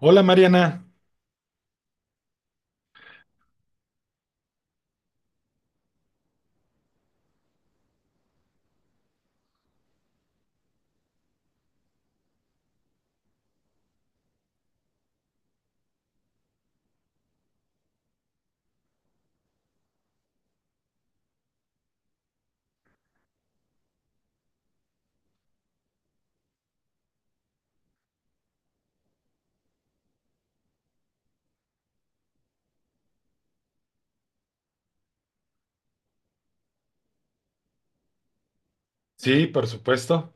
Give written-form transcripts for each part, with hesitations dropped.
Hola Mariana. Sí, por supuesto.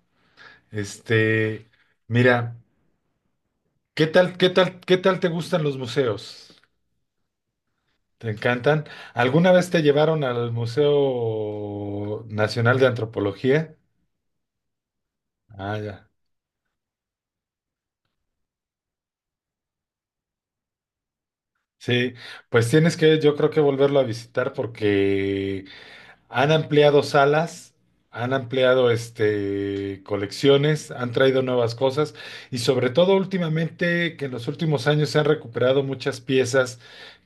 Este, mira, ¿ qué tal te gustan los museos? ¿Te encantan? ¿Alguna vez te llevaron al Museo Nacional de Antropología? Ah, ya. Sí, pues tienes que, yo creo que volverlo a visitar porque han ampliado salas, han ampliado colecciones, han traído nuevas cosas y sobre todo últimamente que en los últimos años se han recuperado muchas piezas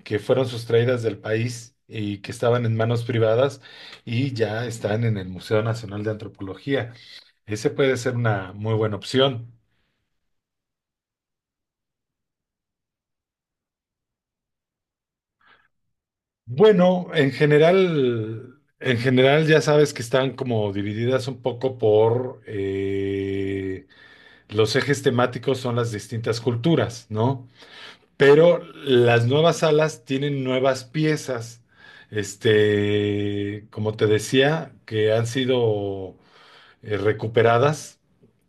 que fueron sustraídas del país y que estaban en manos privadas y ya están en el Museo Nacional de Antropología. Ese puede ser una muy buena opción. Bueno, en general ya sabes que están como divididas un poco por los ejes temáticos son las distintas culturas, ¿no? Pero las nuevas salas tienen nuevas piezas, como te decía, que han sido recuperadas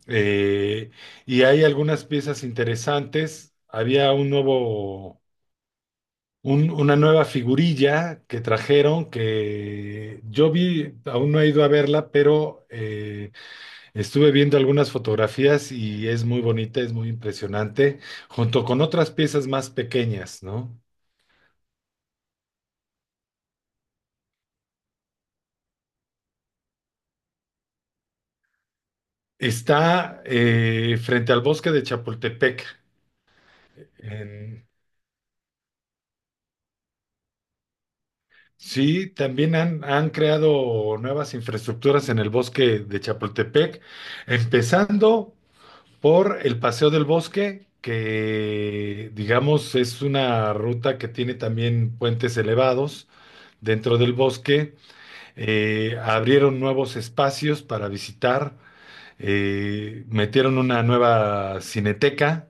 eh, y hay algunas piezas interesantes. Había una nueva figurilla que trajeron que yo vi, aún no he ido a verla, pero estuve viendo algunas fotografías y es muy bonita, es muy impresionante, junto con otras piezas más pequeñas, ¿no? Está frente al bosque de Chapultepec. en- sí, también han creado nuevas infraestructuras en el bosque de Chapultepec, empezando por el Paseo del Bosque, que digamos es una ruta que tiene también puentes elevados dentro del bosque. Abrieron nuevos espacios para visitar, metieron una nueva cineteca,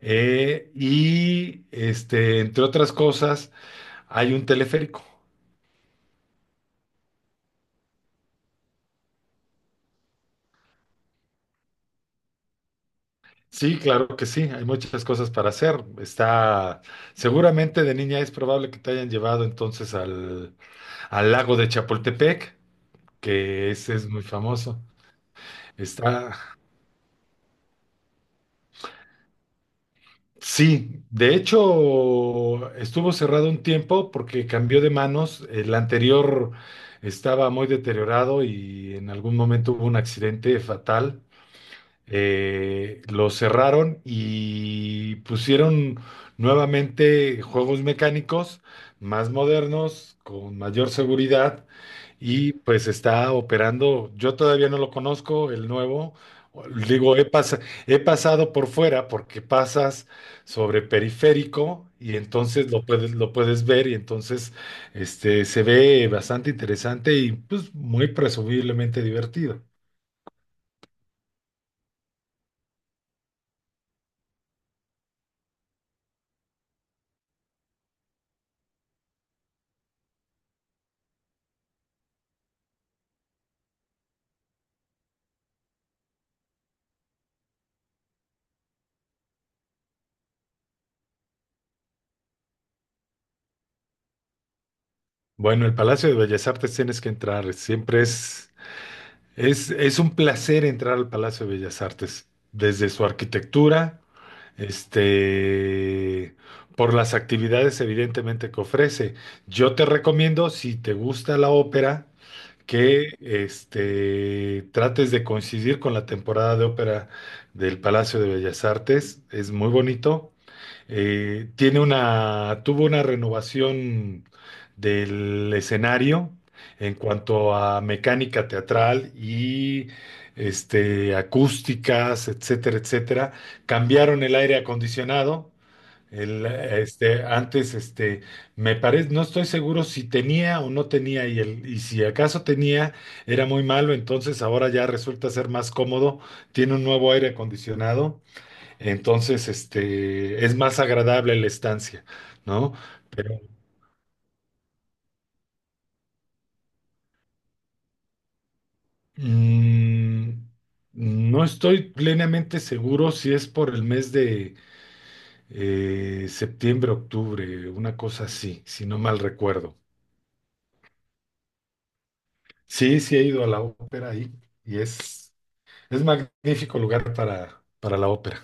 y, entre otras cosas, hay un teleférico. Sí, claro que sí, hay muchas cosas para hacer. Está, seguramente de niña es probable que te hayan llevado entonces al, al lago de Chapultepec, que ese es muy famoso. Está, sí, de hecho estuvo cerrado un tiempo porque cambió de manos. El anterior estaba muy deteriorado y en algún momento hubo un accidente fatal. Lo cerraron y pusieron nuevamente juegos mecánicos más modernos, con mayor seguridad, y pues está operando, yo todavía no lo conozco, el nuevo, digo, he pasado por fuera porque pasas sobre periférico y entonces lo puedes ver, y entonces se ve bastante interesante y pues muy presumiblemente divertido. Bueno, el Palacio de Bellas Artes tienes que entrar, siempre es un placer entrar al Palacio de Bellas Artes, desde su arquitectura. este, por las actividades evidentemente que ofrece. Yo te recomiendo, si te gusta la ópera, que trates de coincidir con la temporada de ópera del Palacio de Bellas Artes. Es muy bonito. Tiene una, tuvo una renovación del escenario en cuanto a mecánica teatral y acústicas, etcétera, etcétera. Cambiaron el aire acondicionado. Antes, me parece, no estoy seguro si tenía o no tenía, y, el, y si acaso tenía, era muy malo, entonces ahora ya resulta ser más cómodo. Tiene un nuevo aire acondicionado, entonces, es más agradable la estancia, ¿no? Mm, no estoy plenamente seguro si es por el mes de septiembre, octubre, una cosa así, si no mal recuerdo. Sí, sí he ido a la ópera ahí y es magnífico lugar para la ópera.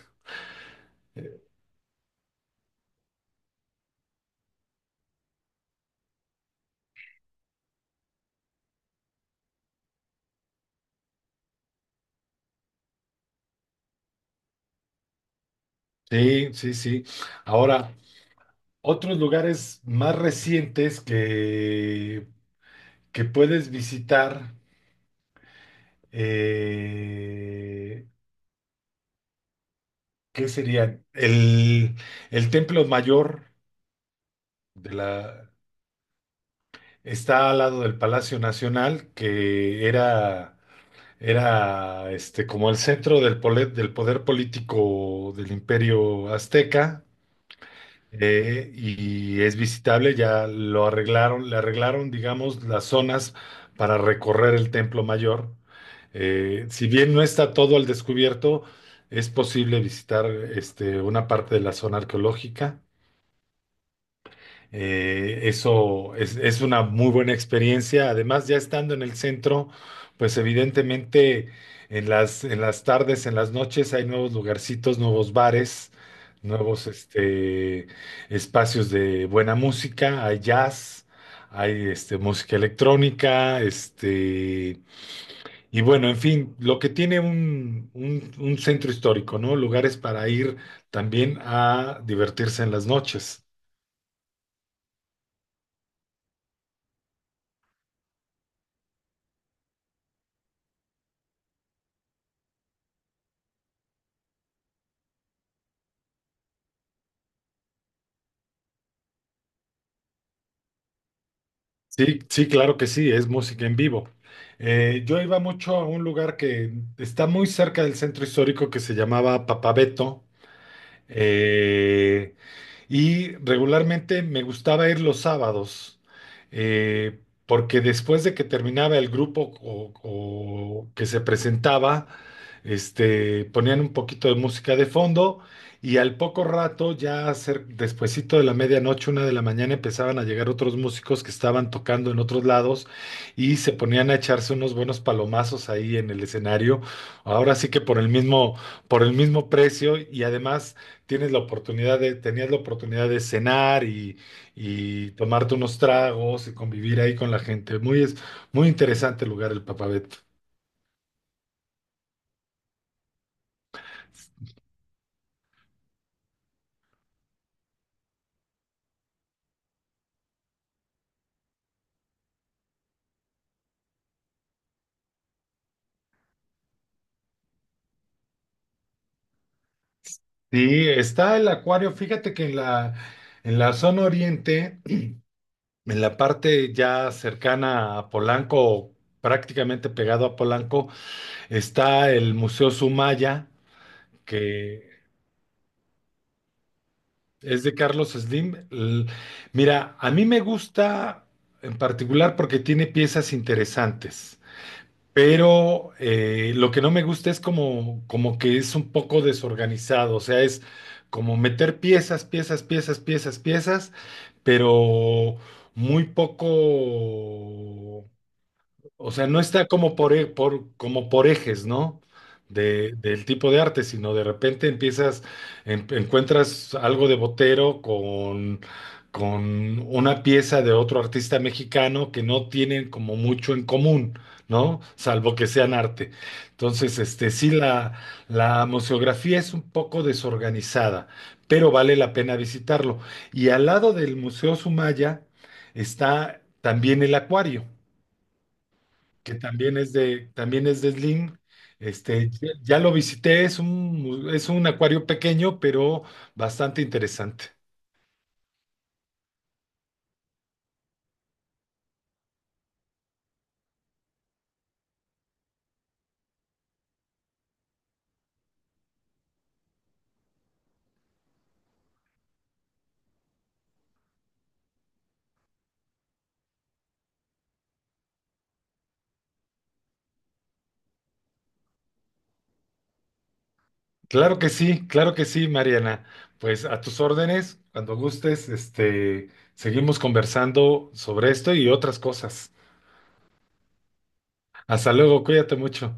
Sí, sí, sí. Ahora, otros lugares más recientes que puedes visitar, eh, ¿qué sería? El templo mayor de la, está al lado del Palacio Nacional, que era, era como el centro del poder político del Imperio Azteca. Y es visitable, ya lo arreglaron, le arreglaron, digamos, las zonas para recorrer el templo mayor. Si bien no está todo al descubierto, es posible visitar una parte de la zona arqueológica. Eso es una muy buena experiencia. Además, ya estando en el centro, pues evidentemente en las tardes, en las noches hay nuevos lugarcitos, nuevos bares, nuevos espacios de buena música, hay jazz, hay música electrónica, y bueno, en fin, lo que tiene un, un centro histórico, ¿no? Lugares para ir también a divertirse en las noches. Sí, sí, claro que sí, es música en vivo. Yo iba mucho a un lugar que está muy cerca del centro histórico que se llamaba Papabeto, eh, y regularmente me gustaba ir los sábados, eh, porque después de que terminaba el grupo o que se presentaba, ponían un poquito de música de fondo y al poco rato, ya despuesito de la medianoche, una de la mañana, empezaban a llegar otros músicos que estaban tocando en otros lados y se ponían a echarse unos buenos palomazos ahí en el escenario. Ahora sí que por el mismo precio, y además tienes la oportunidad de, tenías la oportunidad de cenar y tomarte unos tragos y convivir ahí con la gente. Muy interesante el lugar, el Papavet. Sí, está el acuario. Fíjate que en la zona oriente, en la parte ya cercana a Polanco, o prácticamente pegado a Polanco, está el Museo Sumaya, que es de Carlos Slim. Mira, a mí me gusta en particular porque tiene piezas interesantes. Pero lo que no me gusta es como que es un poco desorganizado, o sea, es como meter piezas, piezas, piezas, piezas, piezas, pero muy poco, o sea, no está como como por ejes, ¿no? Del tipo de arte, sino de repente empiezas, encuentras algo de Botero con una pieza de otro artista mexicano que no tienen como mucho en común, ¿no? Salvo que sean arte. Entonces, sí, la museografía es un poco desorganizada, pero vale la pena visitarlo. Y al lado del Museo Sumaya está también el acuario, que también es de Slim. Ya lo visité, es un, es un acuario pequeño, pero bastante interesante. Claro que sí, Mariana. Pues a tus órdenes, cuando gustes, seguimos conversando sobre esto y otras cosas. Hasta luego, cuídate mucho.